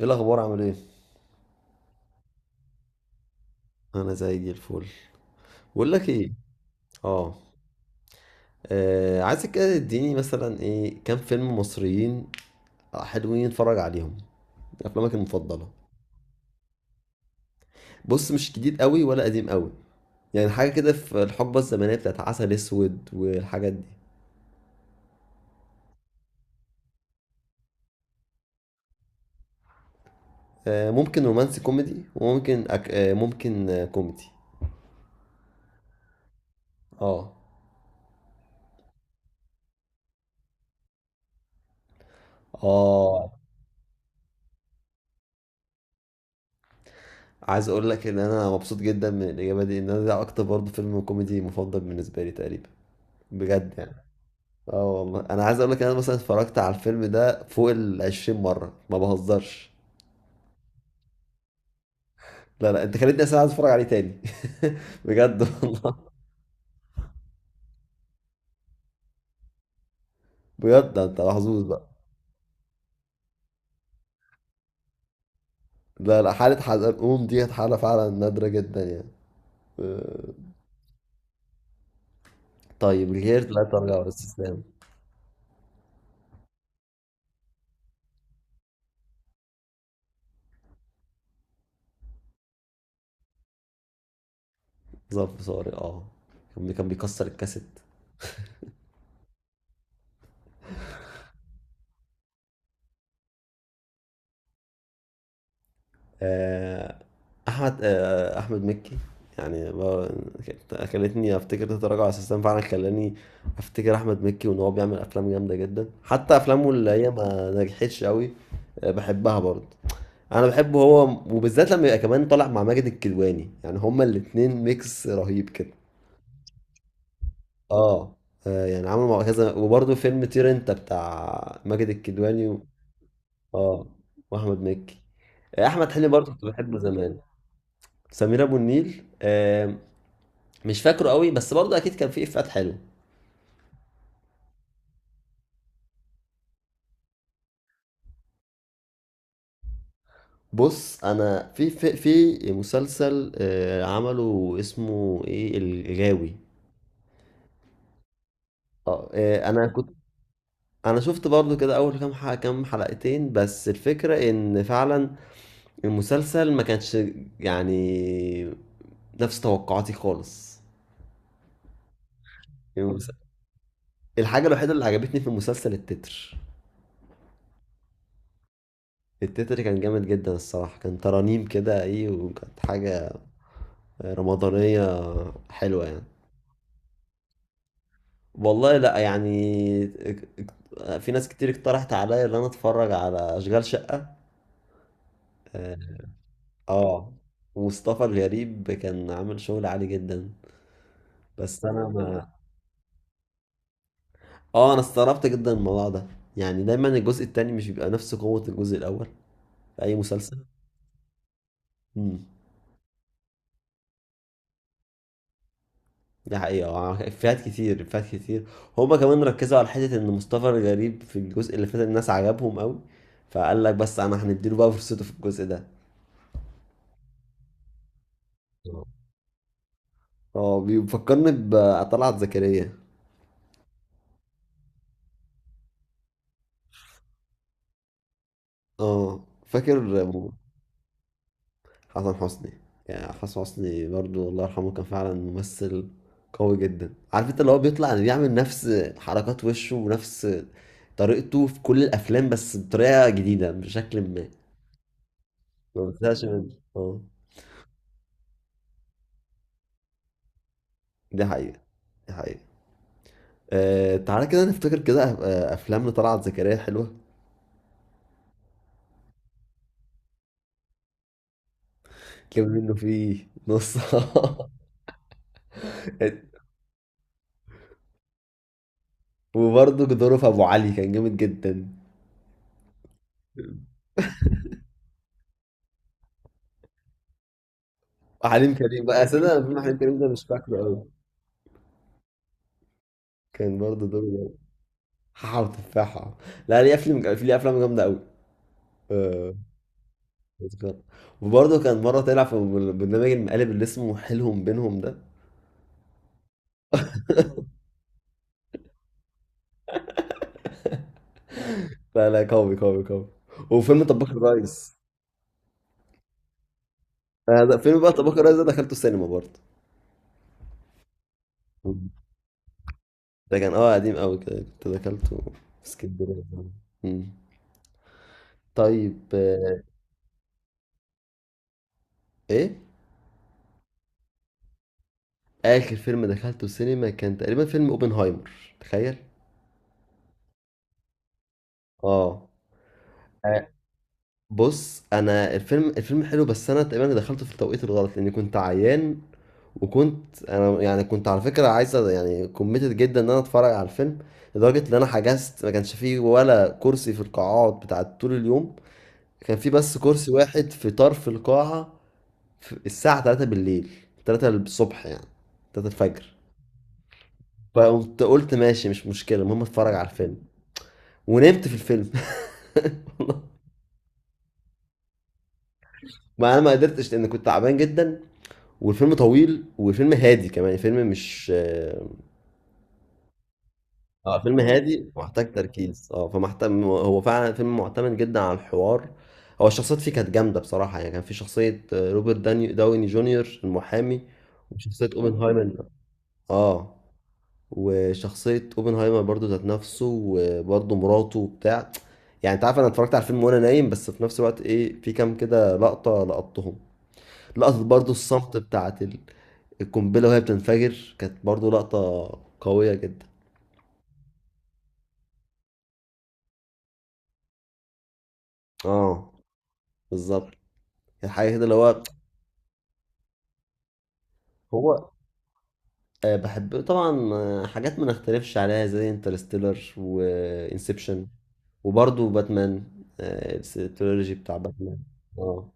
ايه الاخبار؟ عامل ايه؟ انا زي الفل. بقول لك ايه. اه. عايزك كده تديني مثلا ايه، كام فيلم مصريين حلوين اتفرج عليهم. افلامك المفضله. بص، مش جديد قوي ولا قديم قوي. يعني حاجه كده في الحقبه الزمنيه بتاعت عسل اسود والحاجات دي. ممكن رومانسي كوميدي وممكن أك... آه، ممكن كوميدي. اه. اه، عايز اقول لك ان انا مبسوط جدا من الاجابه دي، ان انا ده اكتر برضه فيلم كوميدي مفضل بالنسبه لي تقريبا. بجد يعني. اه والله، انا عايز اقول لك انا مثلا اتفرجت على الفيلم ده فوق ال 20 مره، ما بهزرش. لا لا، انت خليتني اصلا عايز اتفرج عليه تاني. بجد والله. بجد ده انت محظوظ بقى. لا لا، حاله حزلقوم دي كانت حاله فعلا نادره جدا يعني. آه. طيب، الغير لا ترجع ولا استسلام. ظرف صاري، اه. كان بيكسر الكاسيت. آه، احمد مكي. يعني خلتني افتكر تتراجع على السيستم، فعلا خلاني افتكر احمد مكي، وان هو بيعمل افلام جامده جدا، حتى افلامه اللي هي ما نجحتش قوي. بحبها برضه. انا بحبه هو، وبالذات لما يبقى كمان طالع مع ماجد الكدواني. يعني هما الاتنين ميكس رهيب كده. اه. يعني عملوا مع كذا، وبرضه فيلم طير انت بتاع ماجد الكدواني و... اه، واحمد مكي. احمد حلمي برضه كنت بحبه زمان. سمير ابو النيل، مش فاكره قوي، بس برضه اكيد كان فيه افيهات حلوه. بص، انا في مسلسل عمله اسمه ايه، الغاوي. اه. انا كنت. انا شفت برضه كده اول كام حلقة، كام حلقتين، بس الفكره ان فعلا المسلسل ما كانش يعني نفس توقعاتي خالص. المس- الحاجه الوحيده اللي عجبتني في المسلسل التتر. التتر كان جامد جدا الصراحه، كان ترانيم كده، ايه، وكانت حاجه رمضانية حلوة يعني. والله لا، يعني في ناس كتير اقترحت عليا ان انا اتفرج على اشغال شقة. اه. آه. ومصطفى الغريب كان عامل شغل عالي جدا، بس انا ما. اه، انا استغربت جدا من الموضوع ده. يعني دايما الجزء التاني مش بيبقى نفس قوة الجزء الاول، في اي مسلسل. امم. ده حقيقة، افيهات كتير، افيهات كتير. هما كمان ركزوا على حتة ان مصطفى الغريب في الجزء اللي فات الناس عجبهم قوي، فقال لك بس انا هنديله بقى فرصته في الجزء ده. اه، بيفكرني بطلعت زكريا. اه، فاكر. حسن حسني. يعني حسن حسني برضو، الله يرحمه، كان فعلا ممثل قوي جدا. عارف انت اللي هو بيطلع، يعني بيعمل نفس حركات وشه ونفس طريقته في كل الافلام، بس بطريقه جديده بشكل ما. ما بتزهقش منه، اه. دي حقيقه، دي حقيقه. تعالى كده نفتكر كده، افلام لطلعت زكريا حلوه. كان منه فيه نص. وبرضه دوره في ابو علي كان جامد جدا. وحليم كريم بقى، أصل أنا فيلم حليم كريم ده مش فاكره أوي. كان برضه دوره جامد. حاحة وتفاحة. لا، ليه أفلام جامدة أوي. آه، أذكر. وبرضه كان مرة طلع في برنامج المقالب اللي اسمه حيلهم بينهم ده. لا لا، قوي قوي قوي. وفيلم طباخ الريس. ده فيلم بقى، طباخ الريس ده دخلته السينما برضه. مم. ده كان قديم قوي كده، كنت دخلته في اسكندريه زمان. مم. طيب. ايه؟ اخر فيلم دخلته السينما كان تقريبا فيلم اوبنهايمر، تخيل. اه. بص، انا الفيلم حلو، بس انا تقريبا دخلته في التوقيت الغلط لاني كنت عيان. وكنت انا، يعني كنت على فكره عايز يعني كوميتد جدا ان انا اتفرج على الفيلم، لدرجه ان انا حجزت ما كانش فيه ولا كرسي في القاعات بتاعت طول اليوم. كان فيه بس كرسي واحد في طرف القاعه، في الساعه 3 بالليل، 3 الصبح يعني، 3 الفجر. فقمت قلت ماشي، مش مشكله، المهم اتفرج على الفيلم. ونمت في الفيلم. ما انا ما قدرتش لان كنت تعبان جدا، والفيلم طويل، وفيلم هادي كمان، فيلم مش اه، فيلم هادي محتاج تركيز. اه فمحتم هو فعلا فيلم معتمد جدا على الحوار. هو الشخصيات فيه كانت جامده بصراحه. يعني كان في شخصيه روبرت داني داوني جونيور، المحامي، وشخصيه اوبنهايمر. اه. وشخصيه اوبنهايمر برضو ذات نفسه، وبرضو مراته وبتاع. يعني انت عارف، انا اتفرجت على الفيلم وانا نايم، بس في نفس الوقت ايه، في كام كده لقطه لقطتهم. لقطه برضو الصمت بتاعت القنبلة وهي بتنفجر، كانت برضو لقطة قوية جدا. اه، بالظبط. كانت حاجة كده اللي هو. هو بحب طبعا، حاجات ما نختلفش عليها، زي انترستيلر وانسبشن، وبرضو باتمان. التريلوجي بتاع باتمان. اه.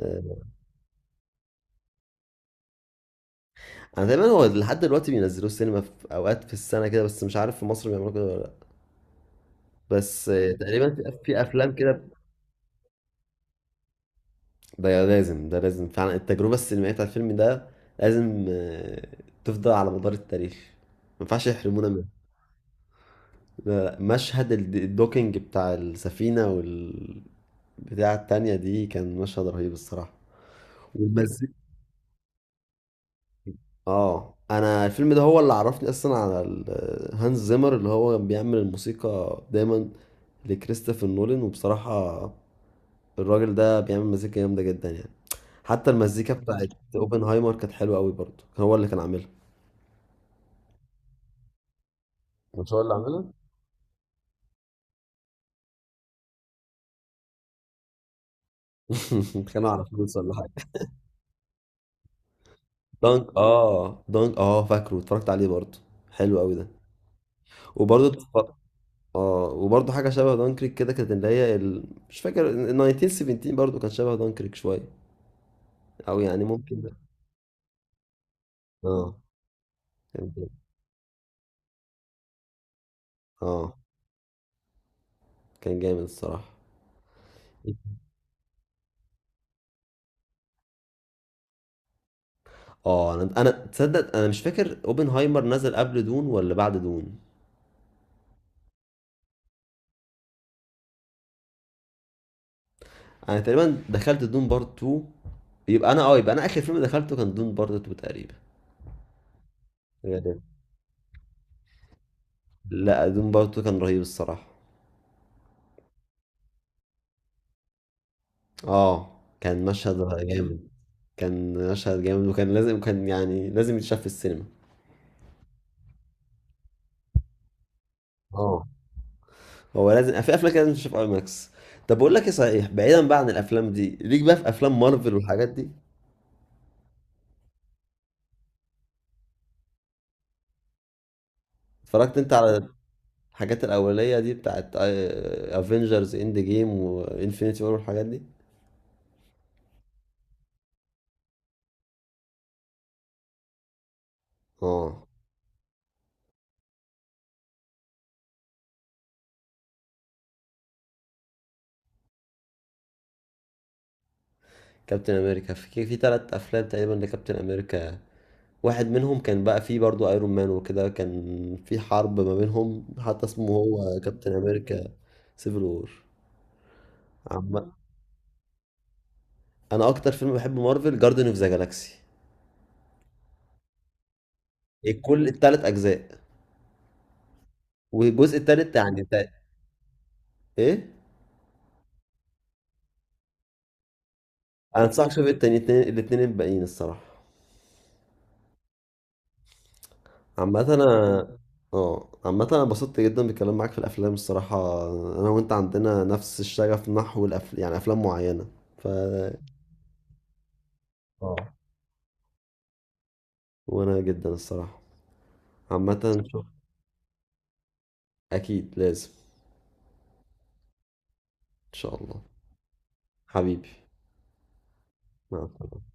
آه، انا دايما هو لحد دلوقتي بينزلوه السينما في اوقات في السنة كده، بس مش عارف في مصر بيعملوا كده ولا لا. بس تقريبا في افلام كده. ده لازم، ده لازم فعلا. التجربة السينمائية بتاعت الفيلم ده لازم تفضل على مدار التاريخ. ما ينفعش يحرمونا منه. لا لا، مشهد الدوكينج بتاع السفينة وال بتاع التانية دي، كان مشهد رهيب الصراحة. والمزيكا. اه، انا الفيلم ده هو اللي عرفني اصلا على هانز زيمر، اللي هو بيعمل الموسيقى دايما لكريستوفر نولان. وبصراحة الراجل ده بيعمل مزيكا جامدة جدا يعني. حتى المزيكا بقى بتاعت اوبنهايمر كانت حلوة قوي برضه، كان هو اللي كان عاملها. مش هو اللي عاملها. كانوا على فلوس ولا حاجة؟ دانك اه دانك اه فاكره، اتفرجت عليه برضه. حلو قوي ده. وبرضه اتفرجت. اه، وبرضه حاجة شبه دانكريك كده، كانت اللي هي مش فاكر، ال 1917 برضه كان شبه دانكريك شوية. او يعني ممكن ده. اه، كان جامد. اه، كان جامد الصراحة. اه، انا تصدق، انا مش فاكر اوبنهايمر نزل قبل دون ولا بعد دون. انا تقريبا دخلت دون بارت 2. يبقى انا اخر فيلم دخلته كان دون بارت 2 تقريبا. غالبا. لا، دون بارت 2 كان رهيب الصراحه. اه، كان مشهد. جامد كان مشهد جامد، وكان لازم، كان يعني لازم يتشاف في السينما. اه، هو لازم في افلام كده لازم تشوف اي ماكس. طب، بقول لك ايه صحيح، بعيدا بقى عن الافلام دي، ليك بقى في افلام مارفل والحاجات دي؟ اتفرجت انت على الحاجات الاوليه دي بتاعت افنجرز اند جيم وانفينيتي وور والحاجات دي؟ اه، كابتن امريكا، في ثلاث افلام تقريبا لكابتن امريكا. واحد منهم كان بقى فيه برضو ايرون مان، وكده كان في حرب ما بينهم، حتى اسمه هو كابتن امريكا، سيفل وور. عم... انا اكتر فيلم بحب مارفل، جاردن اوف ذا جالاكسي. الكل، الثلاث اجزاء. والجزء الثالث يعني ايه. انا انصحك تشوف التاني، الاتنين الباقيين الصراحه. عامة انا. اه، عامة انا انبسطت جدا بالكلام معاك في الافلام الصراحة. انا وانت عندنا نفس الشغف نحو يعني افلام معينة. ف. اه، وانا جدا الصراحة. عامة شوف. اكيد لازم. ان شاء الله. حبيبي. مع السلامة.